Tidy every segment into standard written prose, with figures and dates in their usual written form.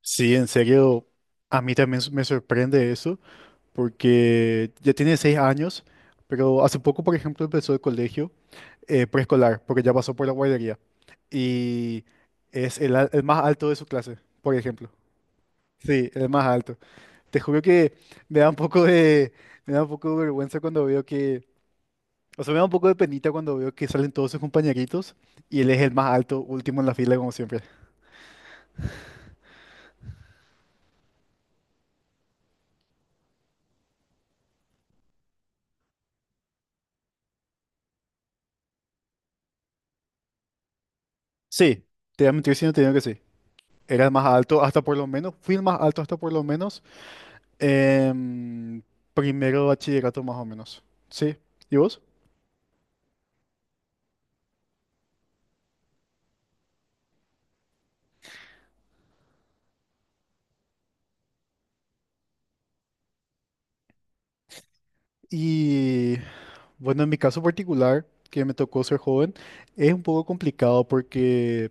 Sí, en serio, a mí también me sorprende eso, porque ya tiene 6 años, pero hace poco, por ejemplo, empezó el colegio preescolar, porque ya pasó por la guardería, y es el más alto de su clase, por ejemplo. Sí, el más alto. Te juro que me da un poco de, me da un poco de vergüenza cuando veo que, o sea, me da un poco de penita cuando veo que salen todos sus compañeritos y él es el más alto, último en la fila, como siempre. Sí, te voy a mentir si no te digo que sí. Era el más alto hasta por lo menos, fui el más alto hasta por lo menos em, primero de bachillerato más o menos. Sí, ¿y vos? Y bueno, en mi caso particular, que me tocó ser joven, es un poco complicado porque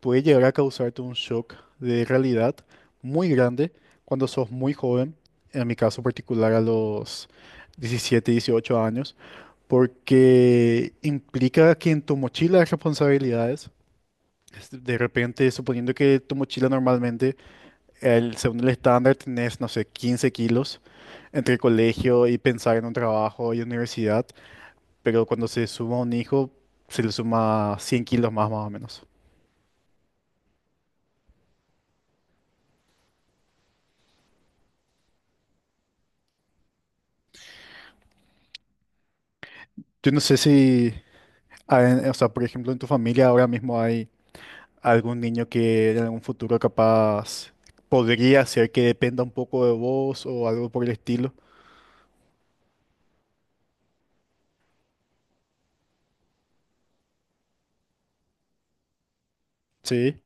puede llegar a causarte un shock de realidad muy grande cuando sos muy joven, en mi caso particular a los 17, 18 años, porque implica que en tu mochila hay responsabilidades. De repente, suponiendo que tu mochila normalmente, según el estándar, tenés, no sé, 15 kilos entre colegio y pensar en un trabajo y universidad, pero cuando se suma un hijo, se le suma 100 kilos más, más o menos. Yo no sé si, o sea, por ejemplo, en tu familia ahora mismo hay algún niño que en algún futuro capaz podría ser que dependa un poco de vos o algo por el estilo. Sí,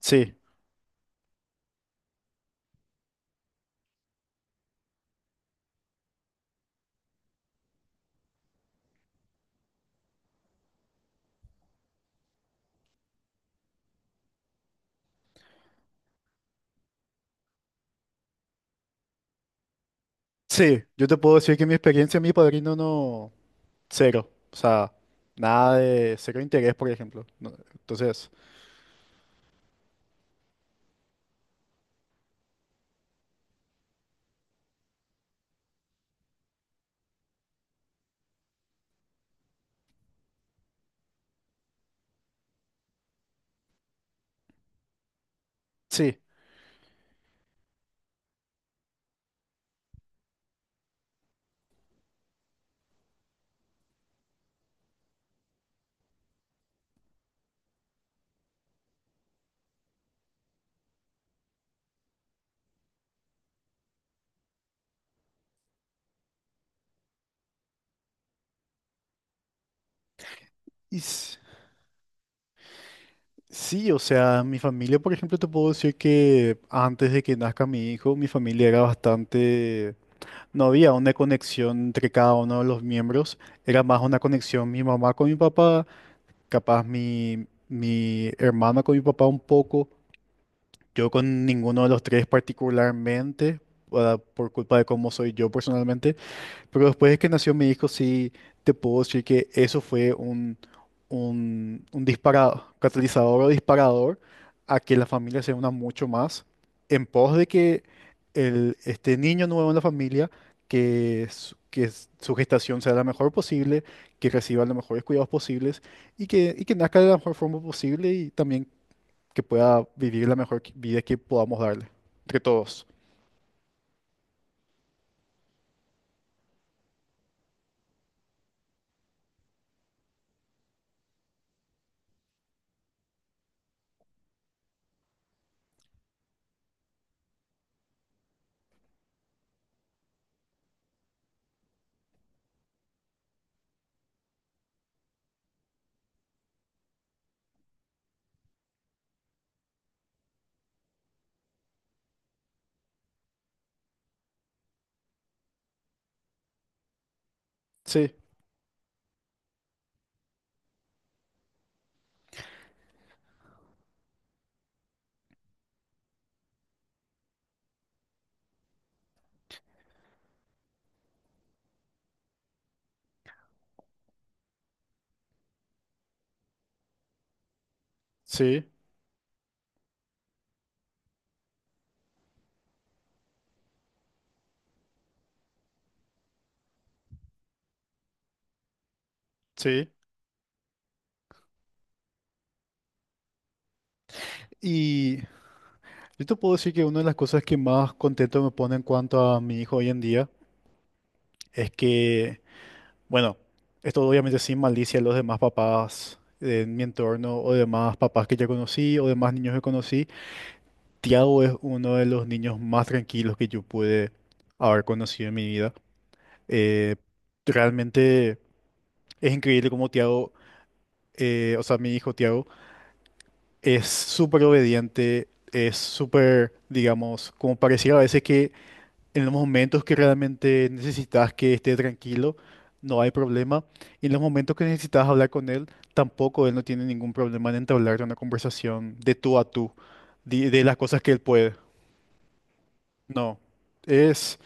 sí, sí. Yo te puedo decir que en mi experiencia, mi padrino no. Cero. O sea, nada de cero interés, por ejemplo. No. Entonces, sí. Y s- sí, o sea, mi familia, por ejemplo, te puedo decir que antes de que nazca mi hijo, mi familia era bastante... No había una conexión entre cada uno de los miembros. Era más una conexión mi mamá con mi papá, capaz mi hermana con mi papá un poco. Yo con ninguno de los tres particularmente, por culpa de cómo soy yo personalmente. Pero después de que nació mi hijo, sí te puedo decir que eso fue un disparador, catalizador o disparador a que la familia se una mucho más en pos de que este niño nuevo en la familia, que, su- que s- su gestación sea la mejor posible, que reciba los mejores cuidados posibles y que nazca de la mejor forma posible y también que pueda vivir la mejor vida que podamos darle, entre todos. Sí, sí, sí. Y Yo te puedo decir que una de las cosas que más contento me pone en cuanto a mi hijo hoy en día es que, bueno, esto obviamente sin malicia a los demás papás de mi entorno o demás papás que ya conocí o demás niños que conocí, Tiago es uno de los niños más tranquilos que yo pude haber conocido en mi vida. Eh, Realmente es increíble cómo Tiago, o sea, mi hijo Tiago, es súper obediente, es súper, digamos, como pareciera a veces que en los momentos que realmente necesitas que esté tranquilo, no hay problema. Y en los momentos que necesitas hablar con él, tampoco él no tiene ningún problema en entablar una conversación de tú a tú, de las cosas que él puede. No. Es,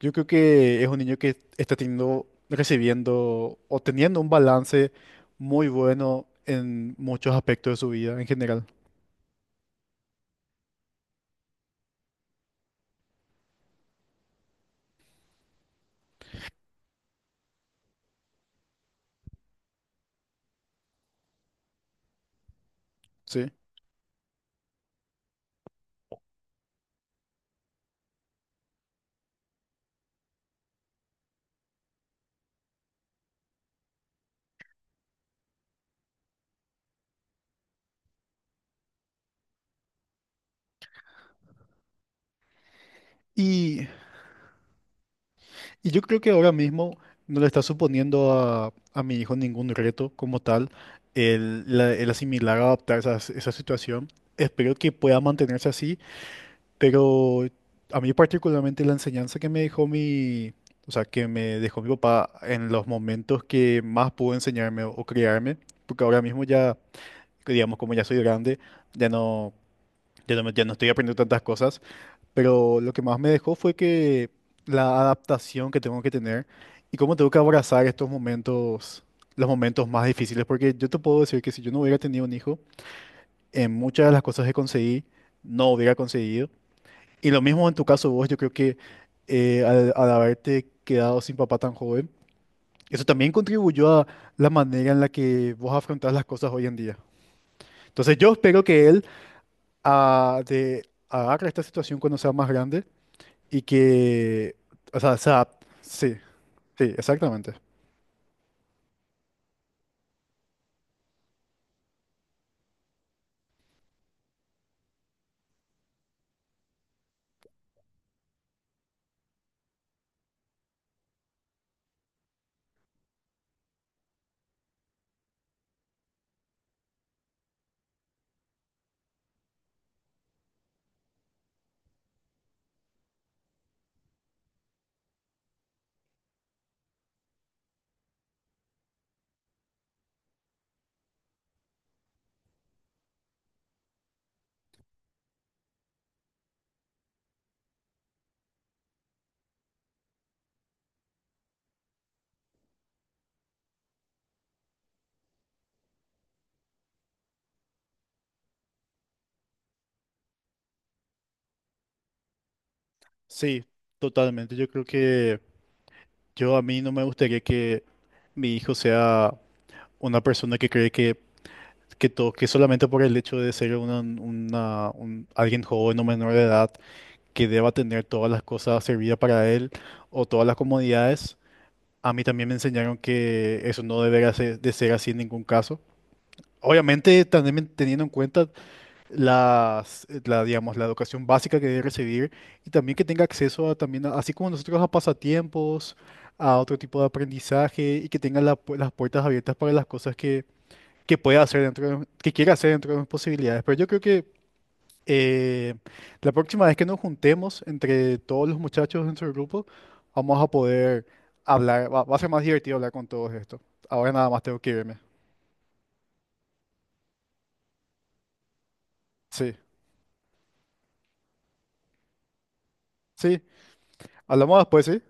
yo creo que es un niño que está teniendo, recibiendo o teniendo un balance muy bueno en muchos aspectos de su vida en general. ¿Sí? Y Y yo creo que ahora mismo no le está suponiendo a mi hijo ningún reto como tal el asimilar, adaptar esa situación. Espero que pueda mantenerse así, pero a mí particularmente la enseñanza que me dejó mi, o sea, que me dejó mi papá en los momentos que más pudo enseñarme o criarme, porque ahora mismo ya, digamos, como ya soy grande, ya no, ya no estoy aprendiendo tantas cosas. Pero lo que más me dejó fue que la adaptación que tengo que tener y cómo tengo que abrazar estos momentos, los momentos más difíciles, porque yo te puedo decir que si yo no hubiera tenido un hijo, en muchas de las cosas que conseguí, no hubiera conseguido. Y lo mismo en tu caso vos, yo creo que al haberte quedado sin papá tan joven, eso también contribuyó a la manera en la que vos afrontás las cosas hoy en día. Entonces yo espero que él agarre esta situación cuando sea más grande. Y que, o sea, sí, sí, exactamente. Sí, totalmente. Yo creo que yo a mí no me gustaría que mi hijo sea una persona que cree que todo, que solamente por el hecho de ser alguien joven o menor de edad, que deba tener todas las cosas servidas para él o todas las comodidades. A mí también me enseñaron que eso no debería ser- de ser así en ningún caso. Obviamente, también teniendo en cuenta digamos, la educación básica que debe recibir y también que tenga acceso a, también, así como nosotros, a pasatiempos, a otro tipo de aprendizaje y que tenga la las puertas abiertas para las cosas que pueda hacer dentro de, que quiera hacer dentro de mis posibilidades. Pero yo creo que eh, la próxima vez que nos juntemos entre todos los muchachos dentro del grupo, vamos a poder hablar, va a ser más divertido hablar con todos esto. Ahora nada más tengo que irme. Sí, sí, hablamos después, ¿sí?